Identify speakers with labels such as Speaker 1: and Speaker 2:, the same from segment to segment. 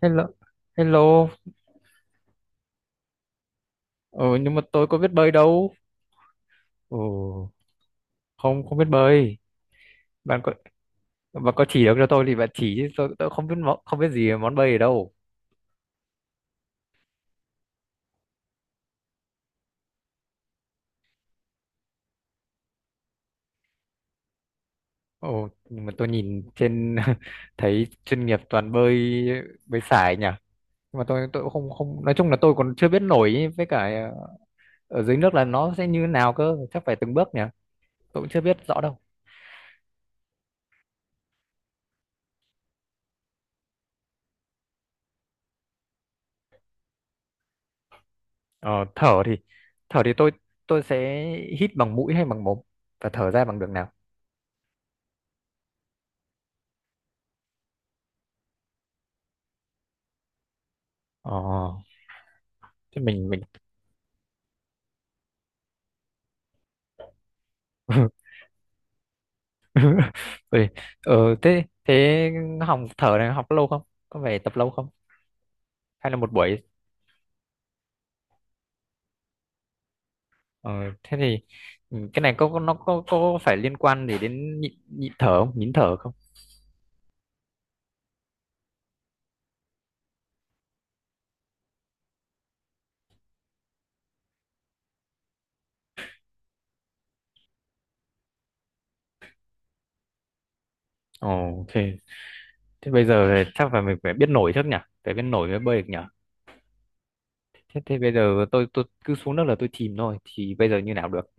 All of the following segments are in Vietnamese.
Speaker 1: Hello, hello. Ừ, nhưng mà tôi có biết bơi đâu. Ừ, không không biết bơi. Bạn có bạn có chỉ được cho tôi thì bạn chỉ chứ tôi không biết món, không biết gì về món bơi ở đâu. Ồ, nhưng mà tôi nhìn trên thấy chuyên nghiệp toàn bơi bơi sải nhỉ. Nhưng mà tôi cũng không không nói chung là tôi còn chưa biết nổi ý, với cả ở dưới nước là nó sẽ như thế nào cơ, chắc phải từng bước nhỉ. Tôi cũng chưa biết rõ đâu. Ờ, thở thì thở thì tôi sẽ hít bằng mũi hay bằng mồm và thở ra bằng đường nào? Ờ, Thế mình Ui, ờ, thế thế học thở này học lâu không? Có phải tập lâu không? Hay là một buổi? Ờ, thế thì ừ, cái này nó có phải liên quan gì đến nhịn, nhịn thở không? Nhịn thở không? Ồ, ok. Thế bây giờ thì chắc là mình phải biết nổi trước nhỉ? Phải biết nổi mới bơi được nhỉ? Thế thế bây giờ tôi cứ xuống nước là tôi chìm thôi. Thì bây giờ như nào được?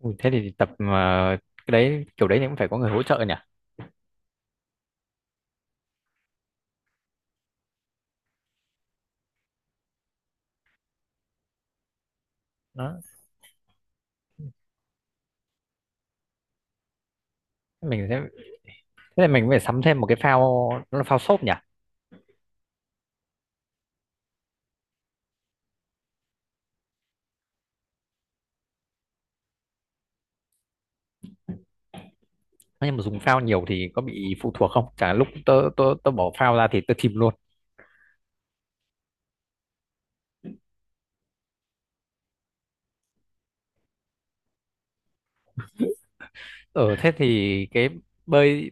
Speaker 1: Ui, thế thì tập mà cái đấy kiểu đấy thì cũng phải có người hỗ trợ nhỉ? Đó. Mình sẽ thế là mình phải sắm thêm một cái phao nó là phao xốp nhỉ? Thế nhưng mà dùng phao nhiều thì có bị phụ thuộc không? Chả lúc tớ tớ tớ bỏ phao ra thì tớ chìm luôn. Ờ thế thì bơi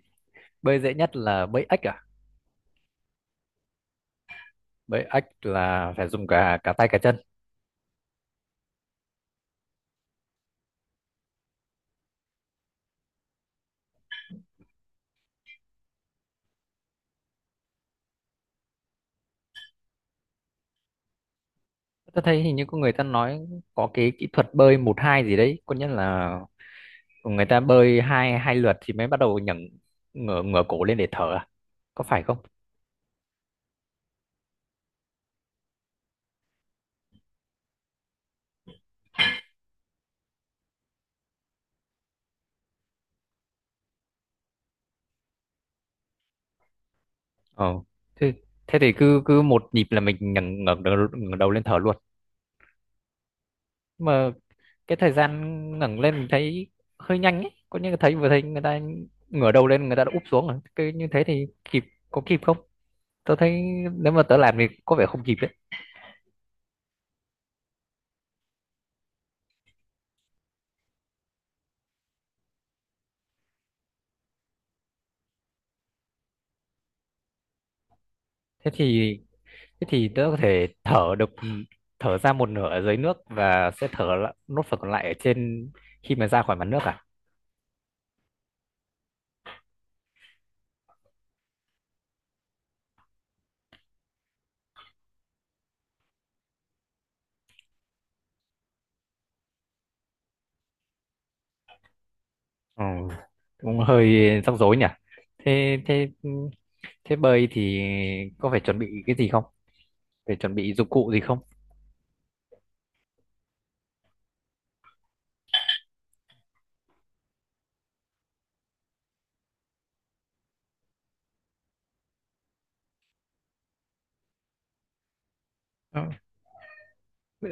Speaker 1: bơi dễ nhất là bơi ếch à? Bơi ếch là phải dùng cả cả tay cả chân. Tớ thấy hình như có người ta nói có cái kỹ thuật bơi một hai gì đấy, có nghĩa là người ta bơi hai hai lượt thì mới bắt đầu nhấc ngửa ngửa cổ lên để thở à? Có phải không? Ờ. Thế thế thì cứ cứ một nhịp là mình nhấc ngẩng đầu lên thở luôn. Mà cái thời gian ngẩng lên mình thấy hơi nhanh ấy, có những cái thấy thấy người ta ngửa đầu lên người ta đã úp xuống rồi, cái như thế thì kịp có kịp không, tớ thấy nếu mà tớ làm thì có vẻ không kịp đấy. Thế thì thế thì tớ có thể thở được, thở ra một nửa ở dưới nước và sẽ nốt phần còn lại ở trên khi mà ra khỏi mặt nước à. Ừ, cũng hơi rắc rối nhỉ. Thế thế thế bơi thì có phải chuẩn bị cái gì không, phải chuẩn bị dụng cụ gì không? Ừ.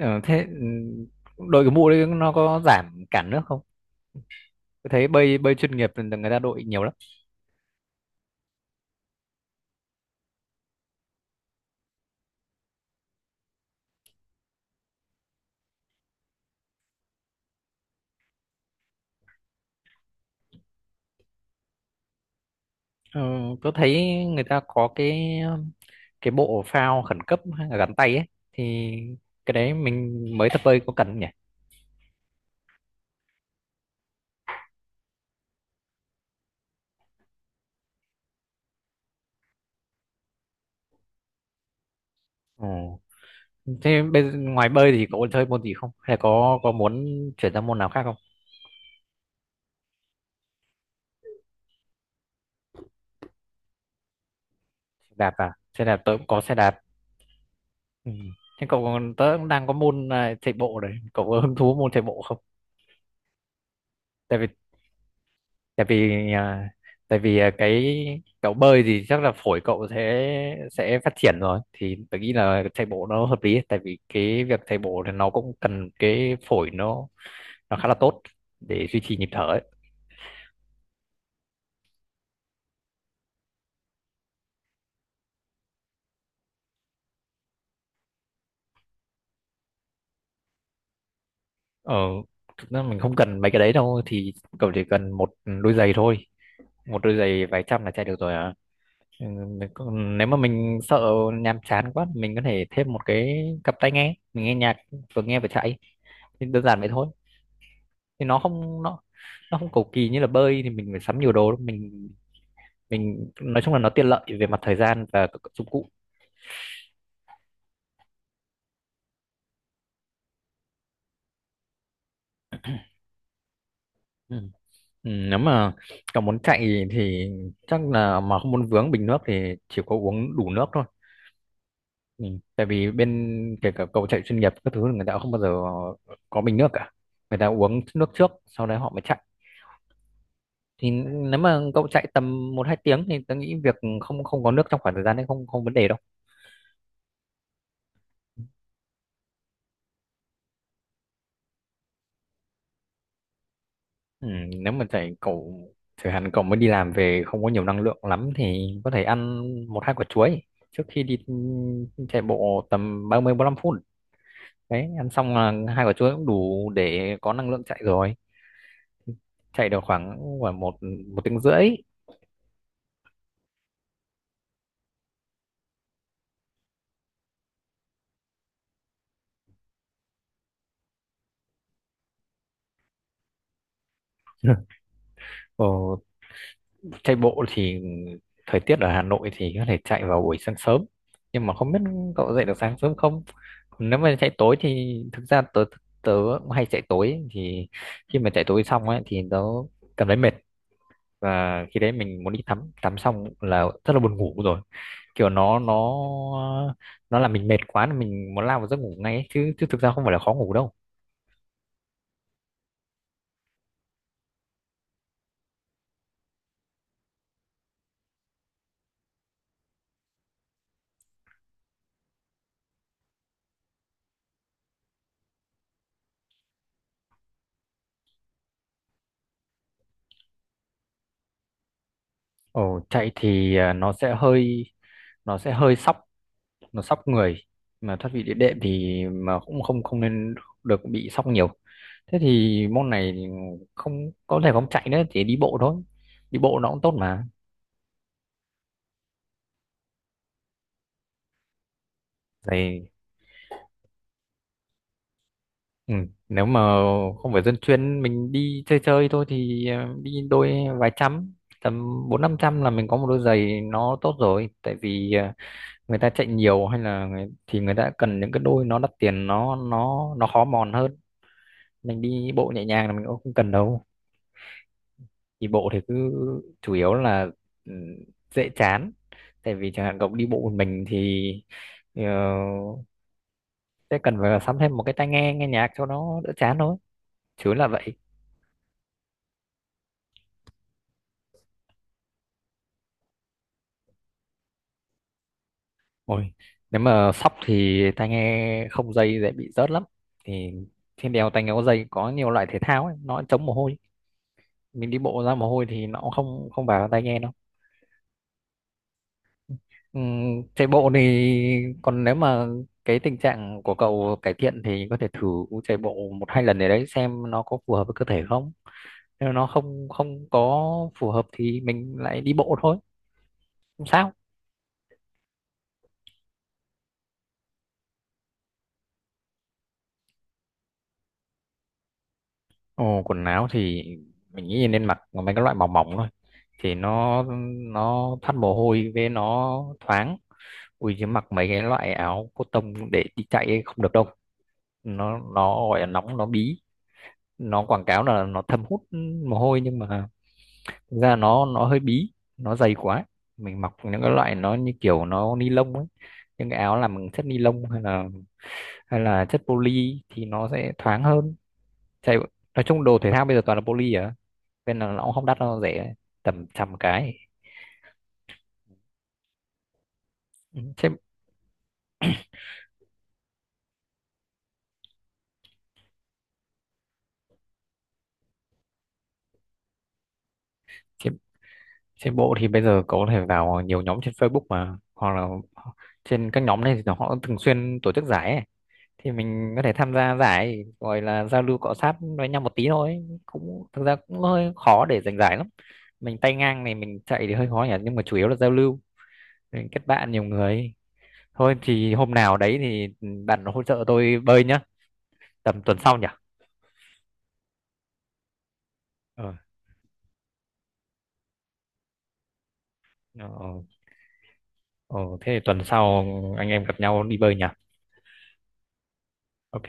Speaker 1: Ờ, thế ừ, đội cái mũ đấy nó có giảm cản nước không? Tôi thấy bơi bơi chuyên nghiệp thì người ta đội nhiều lắm. Ờ, tôi thấy người ta có cái bộ phao khẩn cấp hay là gắn tay ấy, thì cái đấy mình mới tập bơi có cần không nhỉ? Ồ. Thế bây giờ, ngoài bơi thì có chơi môn gì không? Hay là có muốn chuyển sang môn nào khác không? Đạp à? Xe đạp tôi cũng có xe đạp. Ừ. Thế cậu còn tớ cũng đang có môn chạy bộ đấy. Cậu có hứng thú môn chạy bộ không? Tại vì tại vì à, tại vì à, cái cậu bơi thì chắc là phổi cậu sẽ phát triển rồi thì tôi nghĩ là chạy bộ nó hợp lý, tại vì cái việc chạy bộ thì nó cũng cần cái phổi nó khá là tốt để duy trì nhịp thở ấy. Ờ, thực ra mình không cần mấy cái đấy đâu thì cậu chỉ cần một đôi giày thôi, một đôi giày vài trăm là chạy được rồi à. Ừ, nếu mà mình sợ nhàm chán quá mình có thể thêm một cái cặp tai nghe, mình nghe nhạc, vừa nghe vừa chạy, thì đơn giản vậy thôi. Thì nó không nó nó không cầu kỳ như là bơi thì mình phải sắm nhiều đồ đâu. Mình nói chung là nó tiện lợi về mặt thời gian và các dụng cụ. Ừ. Ừ, nếu mà cậu muốn chạy thì chắc là mà không muốn vướng bình nước thì chỉ có uống đủ nước thôi. Ừ, tại vì bên kể cả cầu chạy chuyên nghiệp các thứ người ta không bao giờ có bình nước cả, người ta uống nước trước sau đấy họ mới chạy. Thì nếu mà cậu chạy tầm một hai tiếng thì tôi nghĩ việc không không có nước trong khoảng thời gian đấy không không vấn đề đâu. Ừ. Ừ, nếu mà chạy cậu chẳng hạn cậu mới đi làm về không có nhiều năng lượng lắm thì có thể ăn một hai quả chuối trước khi đi chạy bộ tầm 30 lăm phút. Đấy, ăn xong là hai quả chuối cũng đủ để có năng lượng chạy rồi. Chạy được khoảng khoảng một một tiếng rưỡi. Ồ, chạy bộ thì thời tiết ở Hà Nội thì có thể chạy vào buổi sáng sớm, nhưng mà không biết cậu dậy được sáng sớm không. Còn nếu mà chạy tối thì thực ra tớ tớ cũng hay chạy tối ấy, thì khi mà chạy tối xong ấy thì tớ cảm thấy mệt, và khi đấy mình muốn đi tắm, tắm xong là rất là buồn ngủ rồi, kiểu nó nó làm mình mệt quá là mình muốn lao vào giấc ngủ ngay ấy. Chứ chứ thực ra không phải là khó ngủ đâu. Ồ, chạy thì nó sẽ hơi sóc, nó sóc người, mà thoát vị địa đệm thì mà cũng không không nên được bị sóc nhiều, thế thì môn này thì không thể không chạy nữa, chỉ đi bộ thôi. Đi bộ nó cũng tốt mà. Này, ừ, nếu mà không phải dân chuyên, mình đi chơi chơi thôi thì đi đôi vài trăm, tầm bốn năm trăm là mình có một đôi giày nó tốt rồi, tại vì người ta chạy nhiều hay là người ta cần những cái đôi nó đắt tiền, nó khó mòn hơn. Mình đi bộ nhẹ nhàng là mình cũng không cần đâu. Đi bộ thì cứ chủ yếu là ừ, dễ chán, tại vì chẳng hạn cậu đi bộ một mình thì ờ, sẽ cần phải sắm thêm một cái tai nghe nghe nhạc cho nó đỡ chán thôi, chứ là vậy. Ôi, nếu mà sóc thì tai nghe không dây dễ bị rớt lắm, thì trên đèo tai nghe có dây có nhiều loại thể thao ấy, nó chống mồ hôi, mình đi bộ ra mồ hôi thì nó cũng không không vào tai nghe đâu. Ừ, chạy bộ thì còn nếu mà cái tình trạng của cậu cải thiện thì có thể thử chạy bộ một hai lần để đấy xem nó có phù hợp với cơ thể không. Nếu nó không không có phù hợp thì mình lại đi bộ thôi, không sao. Ồ, quần áo thì mình nghĩ nên mặc mấy cái loại mỏng mỏng thôi, thì nó thoát mồ hôi, với nó thoáng. Ui chứ mặc mấy cái loại áo cotton để đi chạy ấy không được đâu, nó gọi là nóng nó bí. Nó quảng cáo là nó thâm hút mồ hôi nhưng mà thực ra nó hơi bí nó dày quá. Mình mặc những cái loại nó như kiểu nó ni lông ấy, những cái áo làm bằng chất ni lông hay là chất poly thì nó sẽ thoáng hơn. chạy nói chung đồ thể thao bây giờ toàn là poly à, nên là nó cũng không đắt đâu, nó rẻ tầm trăm cái. Ừ, trên trên trên bộ thì bây giờ có thể vào nhiều nhóm trên Facebook mà, hoặc là trên các nhóm này thì họ thường xuyên tổ chức giải ấy. Thì mình có thể tham gia giải gọi là giao lưu cọ sát với nhau một tí thôi, cũng thực ra cũng hơi khó để giành giải lắm, mình tay ngang này mình chạy thì hơi khó nhỉ, nhưng mà chủ yếu là giao lưu, mình kết bạn nhiều người. Thôi thì hôm nào đấy thì bạn hỗ trợ tôi bơi nhá, tầm tuần sau nhỉ. ờ ờ, ờ, thế thì tuần sau anh em gặp nhau đi bơi nhỉ. Ok.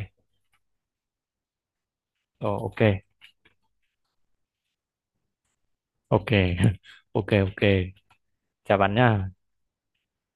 Speaker 1: Ờ ok. Ok. Ok. Ok, chào bạn nhá.